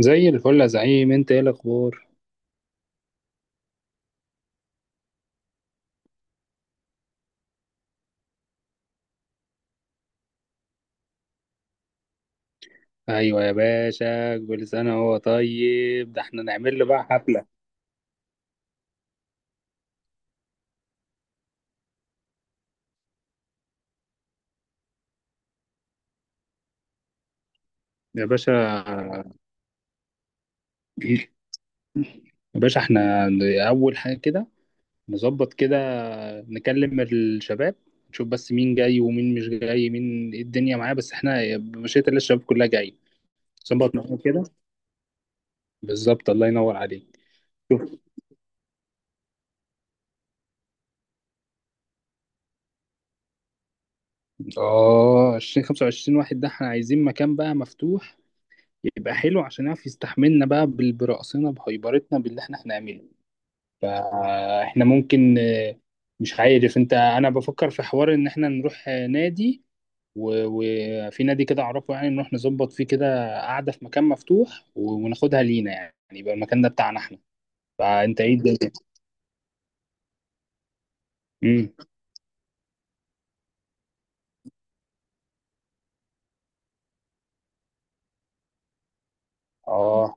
زي الفل يا زعيم، انت ايه الاخبار؟ ايوه يا باشا، كل سنه وهو طيب. ده احنا نعمل له بقى حفله يا باشا. يا باشا احنا اول حاجه كده نظبط كده، نكلم الشباب، نشوف بس مين جاي ومين مش جاي، مين ايه الدنيا معاه. بس احنا مشيت اللي الشباب كلها جاي. نظبط معاهم كده، بالظبط الله ينور عليك. شوف، اه 20 25 واحد، ده احنا عايزين مكان بقى مفتوح يبقى حلو عشان يعرف يستحملنا بقى برقصنا بهيبرتنا باللي احنا هنعمله. فاحنا ممكن مش عارف انت، انا بفكر في حوار ان احنا نروح نادي. و- وفي نادي كده اعرفه، يعني نروح نظبط فيه كده قعدة في مكان مفتوح، وناخدها لينا، يعني يبقى المكان ده بتاعنا احنا. فانت ايه الدنيا؟ امم اه،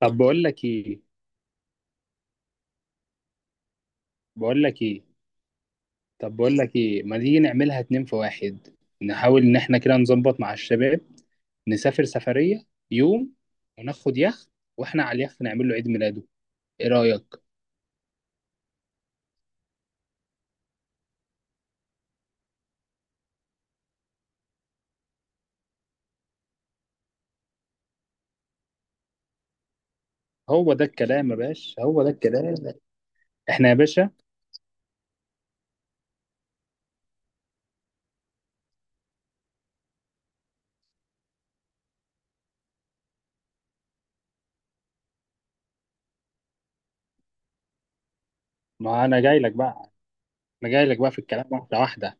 طب بقول لك ايه، طب بقول لك ايه ما تيجي نعملها اتنين في واحد؟ نحاول ان احنا كده نظبط مع الشباب، نسافر سفرية يوم، وناخد يخت، واحنا على اليخت نعمل له عيد ميلاده. ايه رأيك؟ هو ده الكلام يا باشا، هو ده الكلام. احنا يا باشا، ما انا جاي لك بقى. انا جاي لك بقى في الكلام واحدة واحدة.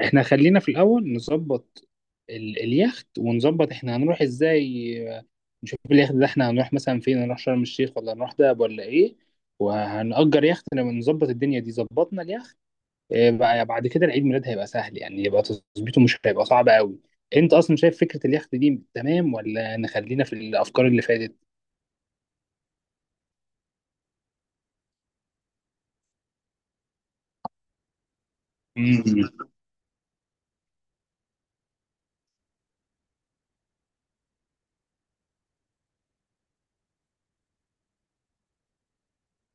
احنا خلينا في الاول نظبط اليخت، ونظبط احنا هنروح ازاي. نشوف اليخت ده احنا هنروح مثلا فين، هنروح شرم الشيخ ولا هنروح دهب ولا ايه. وهنأجر يخت. لما نظبط الدنيا دي ظبطنا اليخت. بقى بعد كده العيد ميلاد هيبقى سهل، يعني يبقى تظبيطه مش هيبقى صعب قوي. انت اصلا شايف فكره اليخت دي تمام، ولا نخلينا في الافكار اللي فاتت؟ مم.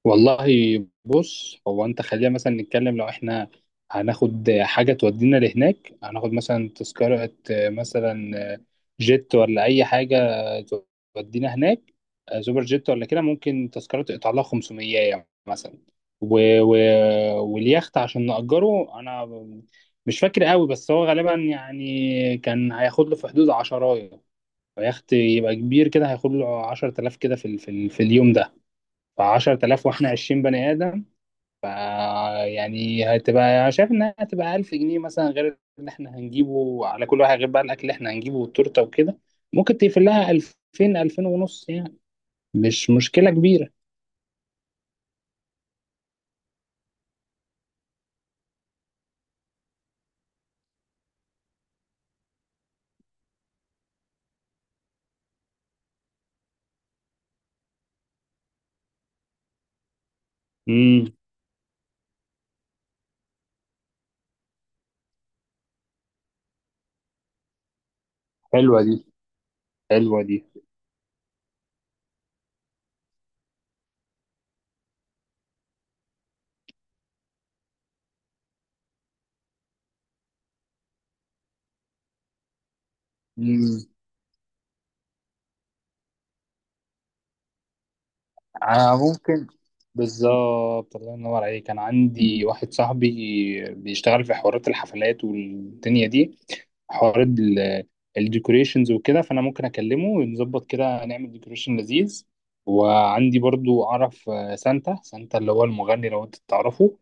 والله، بص، هو انت خلينا مثلا نتكلم. لو احنا هناخد حاجة تودينا لهناك، هناخد مثلا تذكرة مثلا جيت ولا أي حاجة تودينا هناك، سوبر جيت ولا كده، ممكن تذكرة تقطع لها 500 مثلا. و... و... واليخت عشان نأجره، أنا مش فاكر قوي، بس هو غالبا يعني كان هياخد له في حدود عشراية. فيخت يبقى كبير كده هياخد له 10,000 كده في اليوم ده. ف10000 واحنا 20 بني ادم. ف يعني هتبقى شايف انها هتبقى 1000 جنيه مثلا، غير اللي احنا هنجيبه على كل واحد، غير بقى الاكل اللي احنا هنجيبه والتورته وكده. ممكن تقفل لها 2000، 2000 ونص يعني. مش مشكله كبيره. امم حلوه دي حلوه دي. انا ممكن، بالظبط الله ينور عليك. انا عندي واحد صاحبي بيشتغل في حوارات الحفلات والدنيا دي، حوارات الديكوريشنز وكده. فانا ممكن اكلمه ونظبط كده نعمل ديكوريشن لذيذ. وعندي برضو اعرف سانتا اللي هو المغني، لو انت تعرفه.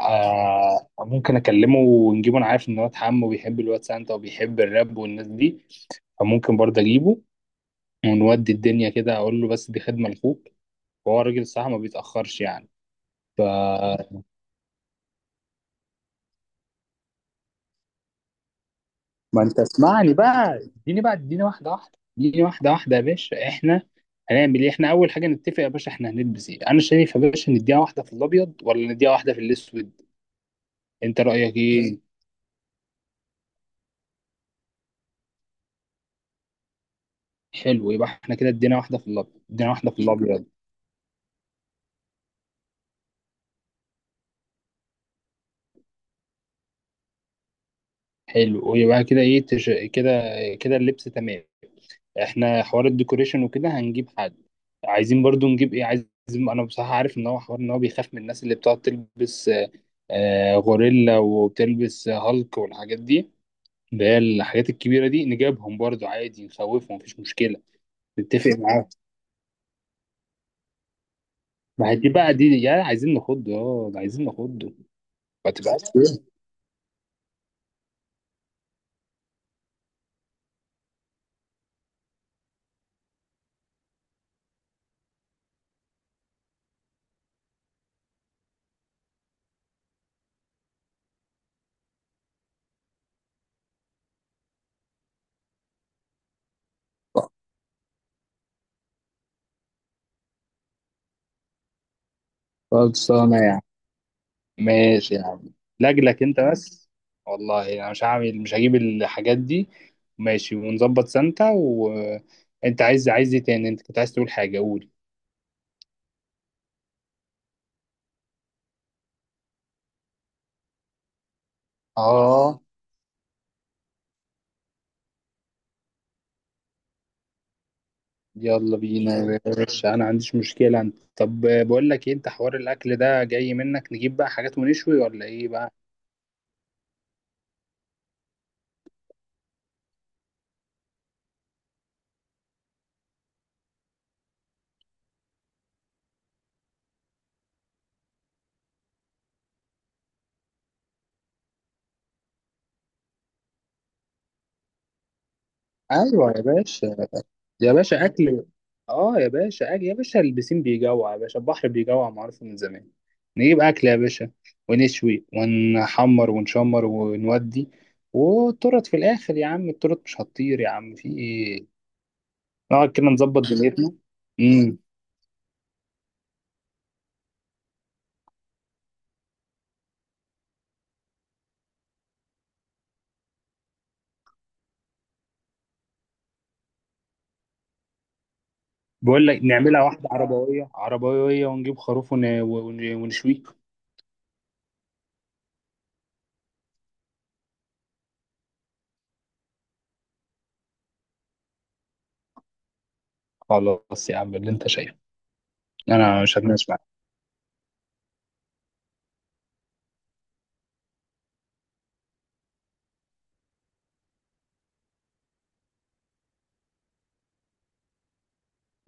ممكن اكلمه ونجيبه. انا عارف ان واد عمه بيحب الواد سانتا وبيحب الراب والناس دي، فممكن برضه اجيبه ونودي الدنيا كده، اقول له بس دي خدمة لاخوك. هو الراجل الصراحة ما بيتأخرش يعني. ف ما انت اسمعني بقى. اديني واحدة واحدة يا باشا. احنا هنعمل ايه؟ احنا اول حاجة نتفق يا باشا، احنا هنلبس ايه؟ انا شايف يا باشا نديها واحدة في الابيض ولا نديها واحدة في الاسود. انت رأيك ايه؟ حلو، يبقى احنا كده ادينا واحدة في الابيض. حلو، ويبقى كده ايه كده، كده اللبس تمام. احنا حوار الديكوريشن وكده هنجيب حد. عايزين برضو نجيب ايه عايز. انا بصراحة عارف ان هو حوار، ان هو بيخاف من الناس اللي بتقعد تلبس غوريلا، وبتلبس هالك والحاجات دي، اللي هي الحاجات الكبيرة دي، نجيبهم برضو عادي، نخوفهم مفيش مشكلة. نتفق معاه. ما هي دي بقى، دي يا عايزين نخضه، اه، ده عايزين نخضه. ما تبقاش كده. خلصانة يا عم. ماشي يا عم، لجلك انت بس. والله انا مش هعمل، مش هجيب الحاجات دي. ماشي، ونظبط سانتا. وانت عايز، عايز ايه تاني؟ انت كنت عايز تقول حاجة، قول. اه، يلا بينا يا باشا، انا ما عنديش مشكلة انت. طب بقول لك ايه، انت حوار الاكل ده جاي منك. نجيب بقى حاجات ونشوي ولا ايه بقى؟ ايوه يا باشا. يا باشا اكل، اه يا باشا اكل يا باشا، البسين بيجوع يا باشا، البحر بيجوع معروف من زمان. نجيب اكل يا باشا، ونشوي ونحمر ونشمر ونودي. والترط في الاخر يا عم، الترط مش هتطير يا عم، في ايه؟ نقعد كده نظبط دنيتنا. امم بقول لك، نعملها واحده عربويه عربويه ونجيب خروف ونشويه. خلاص يا عم اللي انت شايفه، انا مش هتناقش معاك.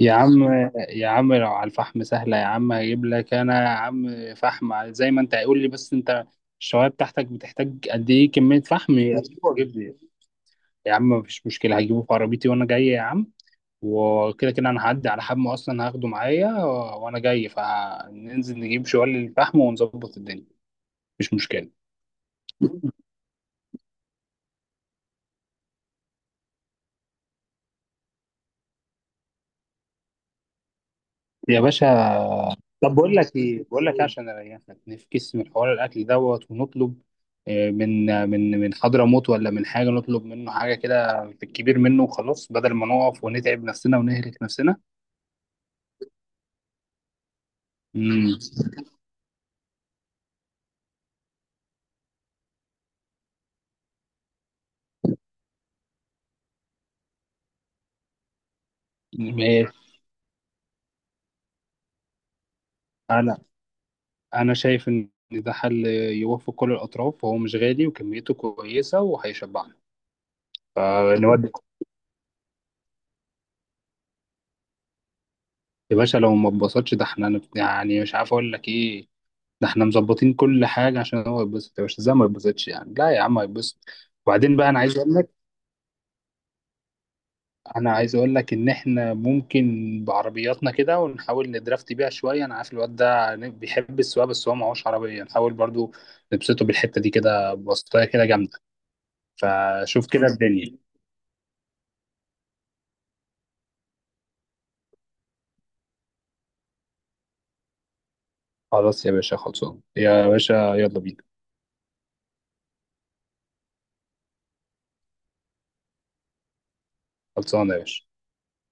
يا عم، يا عم لو على الفحم سهلة يا عم. هجيب لك أنا يا عم فحم زي ما أنت هيقول لي. بس أنت الشواية بتاعتك بتحتاج قد إيه كمية فحم؟ أيوة جيب لي. يا عم مفيش مشكلة، هجيبه في عربيتي وأنا جاي يا عم. وكده كده أنا هعدي على حمو أصلا، هاخده معايا، وأنا جاي فننزل نجيب شوال الفحم ونظبط الدنيا. مش مشكلة يا باشا. طب بقول لك ايه، بقول لك إيه، عشان اريحك نفكس من حوار الاكل دوت ونطلب من حضرموت ولا من حاجه، نطلب منه حاجه كده في الكبير منه، وخلاص بدل ما نقف ونتعب نفسنا ونهلك نفسنا. امم ماشي، انا انا شايف ان ده حل يوفق كل الاطراف، وهو مش غالي وكميته كويسه وهيشبعنا. فنودي يا باشا. لو ما اتبسطش، ده احنا يعني مش عارف اقول لك ايه. ده احنا مظبطين كل حاجة عشان هو يتبسط يا باشا. ازاي ما يتبسطش يعني؟ لا يا عم هيتبسط. وبعدين بقى انا عايز اقول لك، انا عايز اقول لك ان احنا ممكن بعربياتنا كده ونحاول ندرافت بيها شوية. انا عارف الواد ده بيحب السواقة، بس هو معهوش عربية. نحاول برضو نبسطه بالحتة دي، كده بسطاية كده جامدة. فشوف كده الدنيا. خلاص يا باشا، خلصان يا باشا، يلا بينا. خلصانة يا باشا.